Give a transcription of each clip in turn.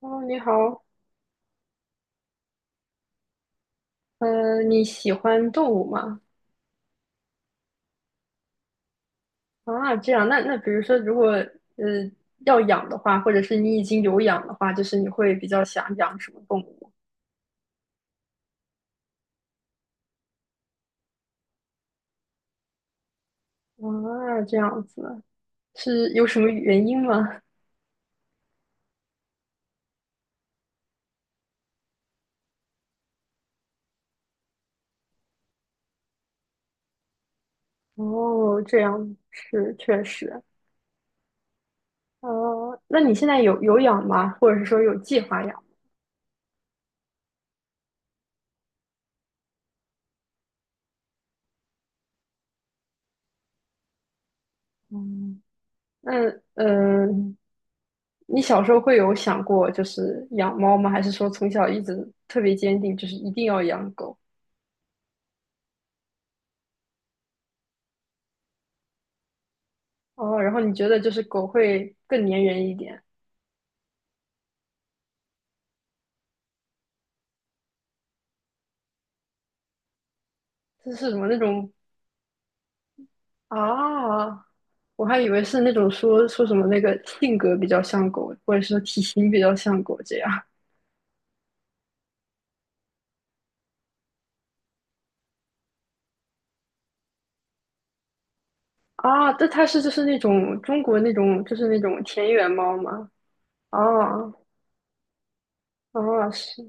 哦，你好。你喜欢动物吗？啊，这样。那比如说，如果呃要养的话，或者是你已经有养的话，就是你会比较想养什么动物？啊，这样子，是有什么原因吗？哦，这样是确实。哦，那你现在有养吗？或者是说有计划养？嗯，那呃，你小时候会有想过就是养猫吗？还是说从小一直特别坚定，就是一定要养狗？哦，然后你觉得就是狗会更粘人一点。这是什么那种啊？我还以为是那种说什么那个性格比较像狗，或者说体型比较像狗这样。啊？这它是就是那种中国那种就是那种田园猫吗？哦哦是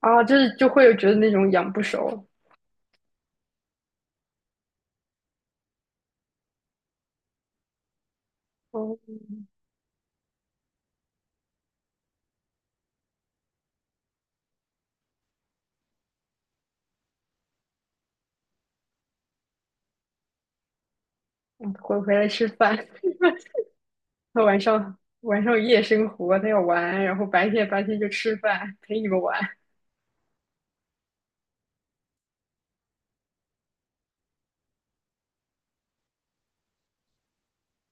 啊，就是就会觉得那种养不熟。哦，嗯回来吃饭。他晚上夜生活，他要玩，然后白天就吃饭陪你们玩。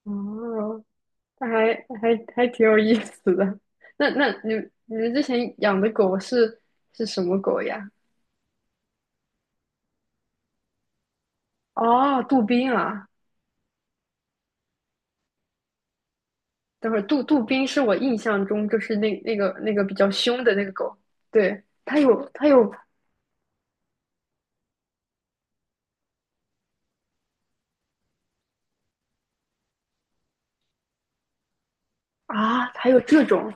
哦。那还还挺有意思的。那你你们之前养的狗是是什么狗呀？哦，杜宾啊。等会儿杜宾是我印象中就是那个那个比较凶的那个狗。对，它有啊，还有这种。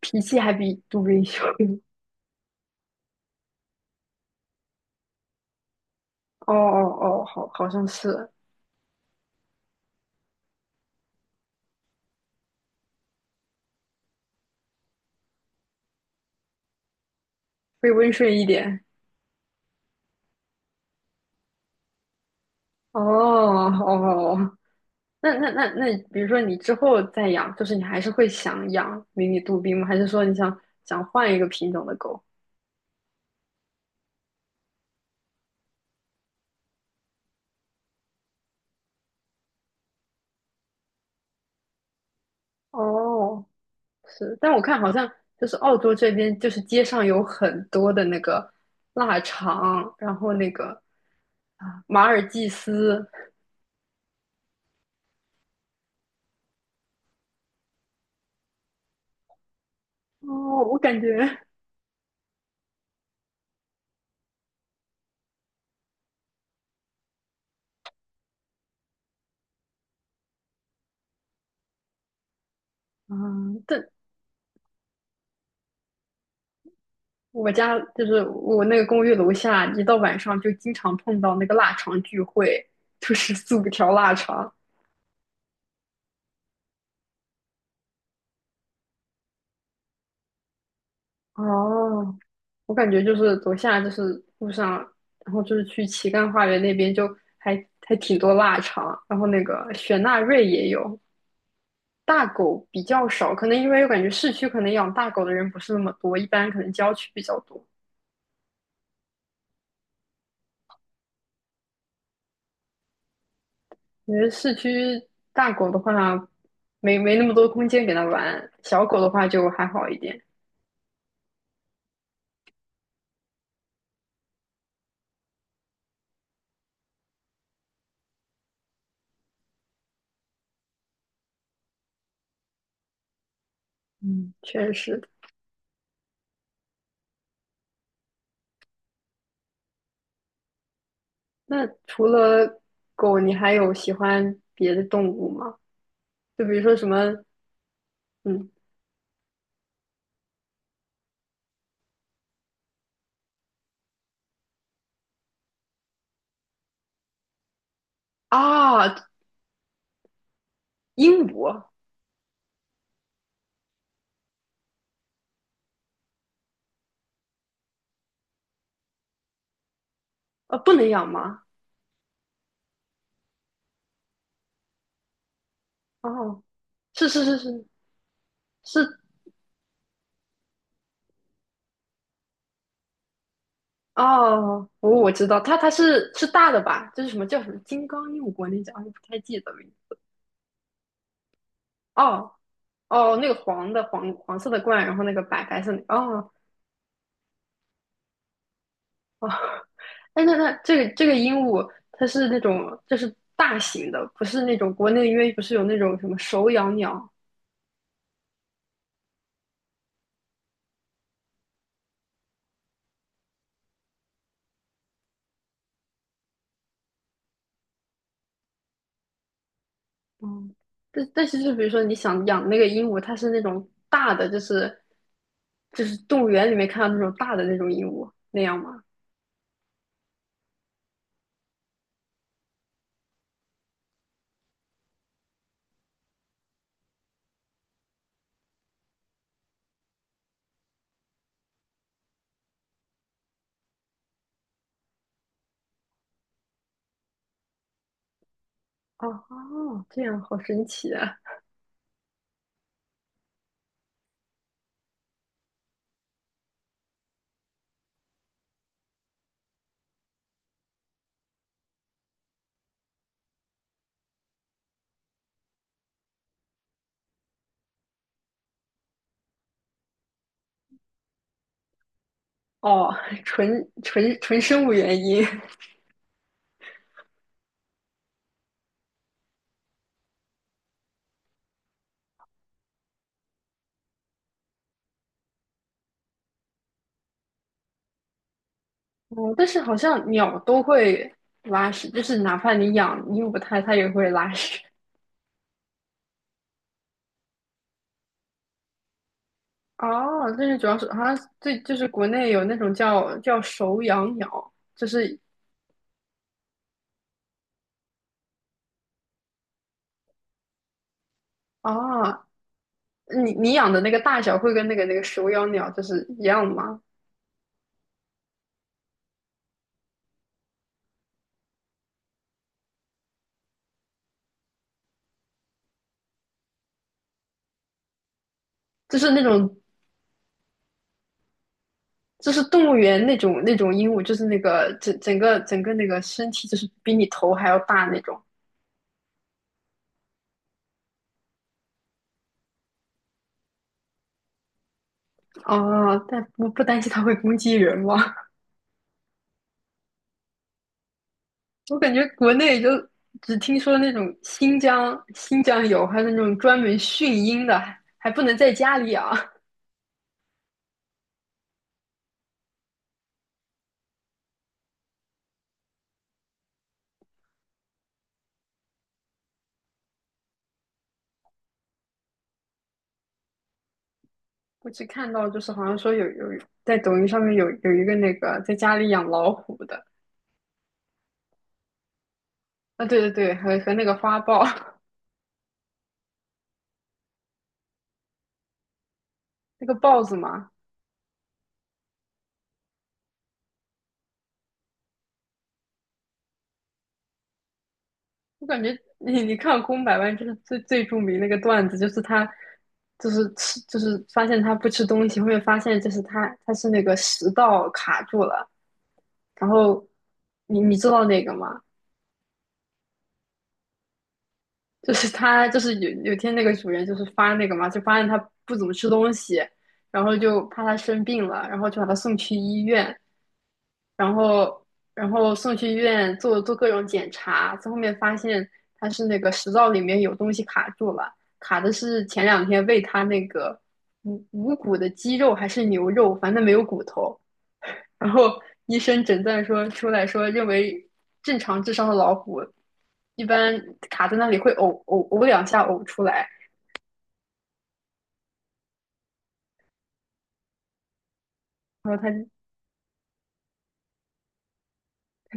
脾气还比杜宾凶。哦哦哦，好好像是会温顺一点。哦哦，那，比如说你之后再养，就是你还是会想养迷你杜宾吗？还是说你想换一个品种的狗？哦，是，但我看好像就是澳洲这边，就是街上有很多的那个腊肠，然后那个啊马尔济斯。哦，我感觉 嗯，但我家就是我那个公寓楼下，一到晚上就经常碰到那个腊肠聚会，就是四五条腊肠。哦，我感觉就是走下就是路上，然后就是去旗杆花园那边就还还挺多腊肠，然后那个雪纳瑞也有。大狗比较少，可能因为我感觉市区可能养大狗的人不是那么多，一般可能郊区比较多。因为市区大狗的话，没没那么多空间给它玩，小狗的话就还好一点。嗯，确实。那除了狗，你还有喜欢别的动物吗？就比如说什么？嗯，啊，鹦鹉。啊，不能养吗？哦，是是是是是。哦，我我知道，它它是是大的吧？就是什么叫什么金刚鹦鹉，国内叫，哎，不太记得了。哦哦，那个黄的黄黄色的冠，然后那个白白色的，哦。哎，那那这个这个鹦鹉，它是那种就是大型的，不是那种国内因为不是有那种什么手养鸟。嗯，但但是就比如说你想养那个鹦鹉，它是那种大的，就是就是动物园里面看到那种大的那种鹦鹉那样吗？哦哦，这样好神奇啊！哦，纯生物原因。哦，但是好像鸟都会拉屎，就是哪怕你养鹦鹉它，它也会拉屎。哦，但是主要是好像最就是国内有那种叫手养鸟，就是啊。你你养的那个大小会跟那个那个手养鸟就是一样吗？就是那种就是动物园那种那种鹦鹉，就是那个整个整个那个身体就是比你头还要大那种。哦，但不担心它会攻击人吗？我感觉国内就只听说那种新疆有，还有那种专门训鹰的，还不能在家里养。我只看到就是好像说有有在抖音上面有一个那个在家里养老虎的。啊，对对对，和和那个花豹。那个豹子嘛。我感觉你你看《空百万》就是最最著名那个段子，就是他就是吃就是发现他不吃东西，后面发现就是他他是那个食道卡住了。然后你你知道那个吗？就是他就是有有天那个主人就是发那个嘛，就发现他不怎么吃东西，然后就怕他生病了，然后就把他送去医院。然后然后送去医院做做各种检查，最后面发现他是那个食道里面有东西卡住了，卡的是前两天喂他那个无骨的鸡肉还是牛肉，反正没有骨头。然后医生诊断说出来说，认为正常智商的老虎一般卡在那里会呕两下呕出来。然后他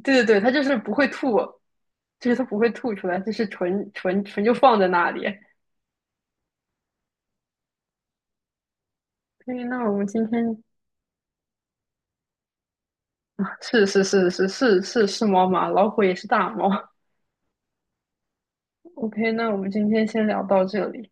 对对对，他就是不会吐，就是他不会吐出来，就是纯就放在那里。所以那我们今天是是是是是是是猫吗？老虎也是大猫。OK，那我们今天先聊到这里。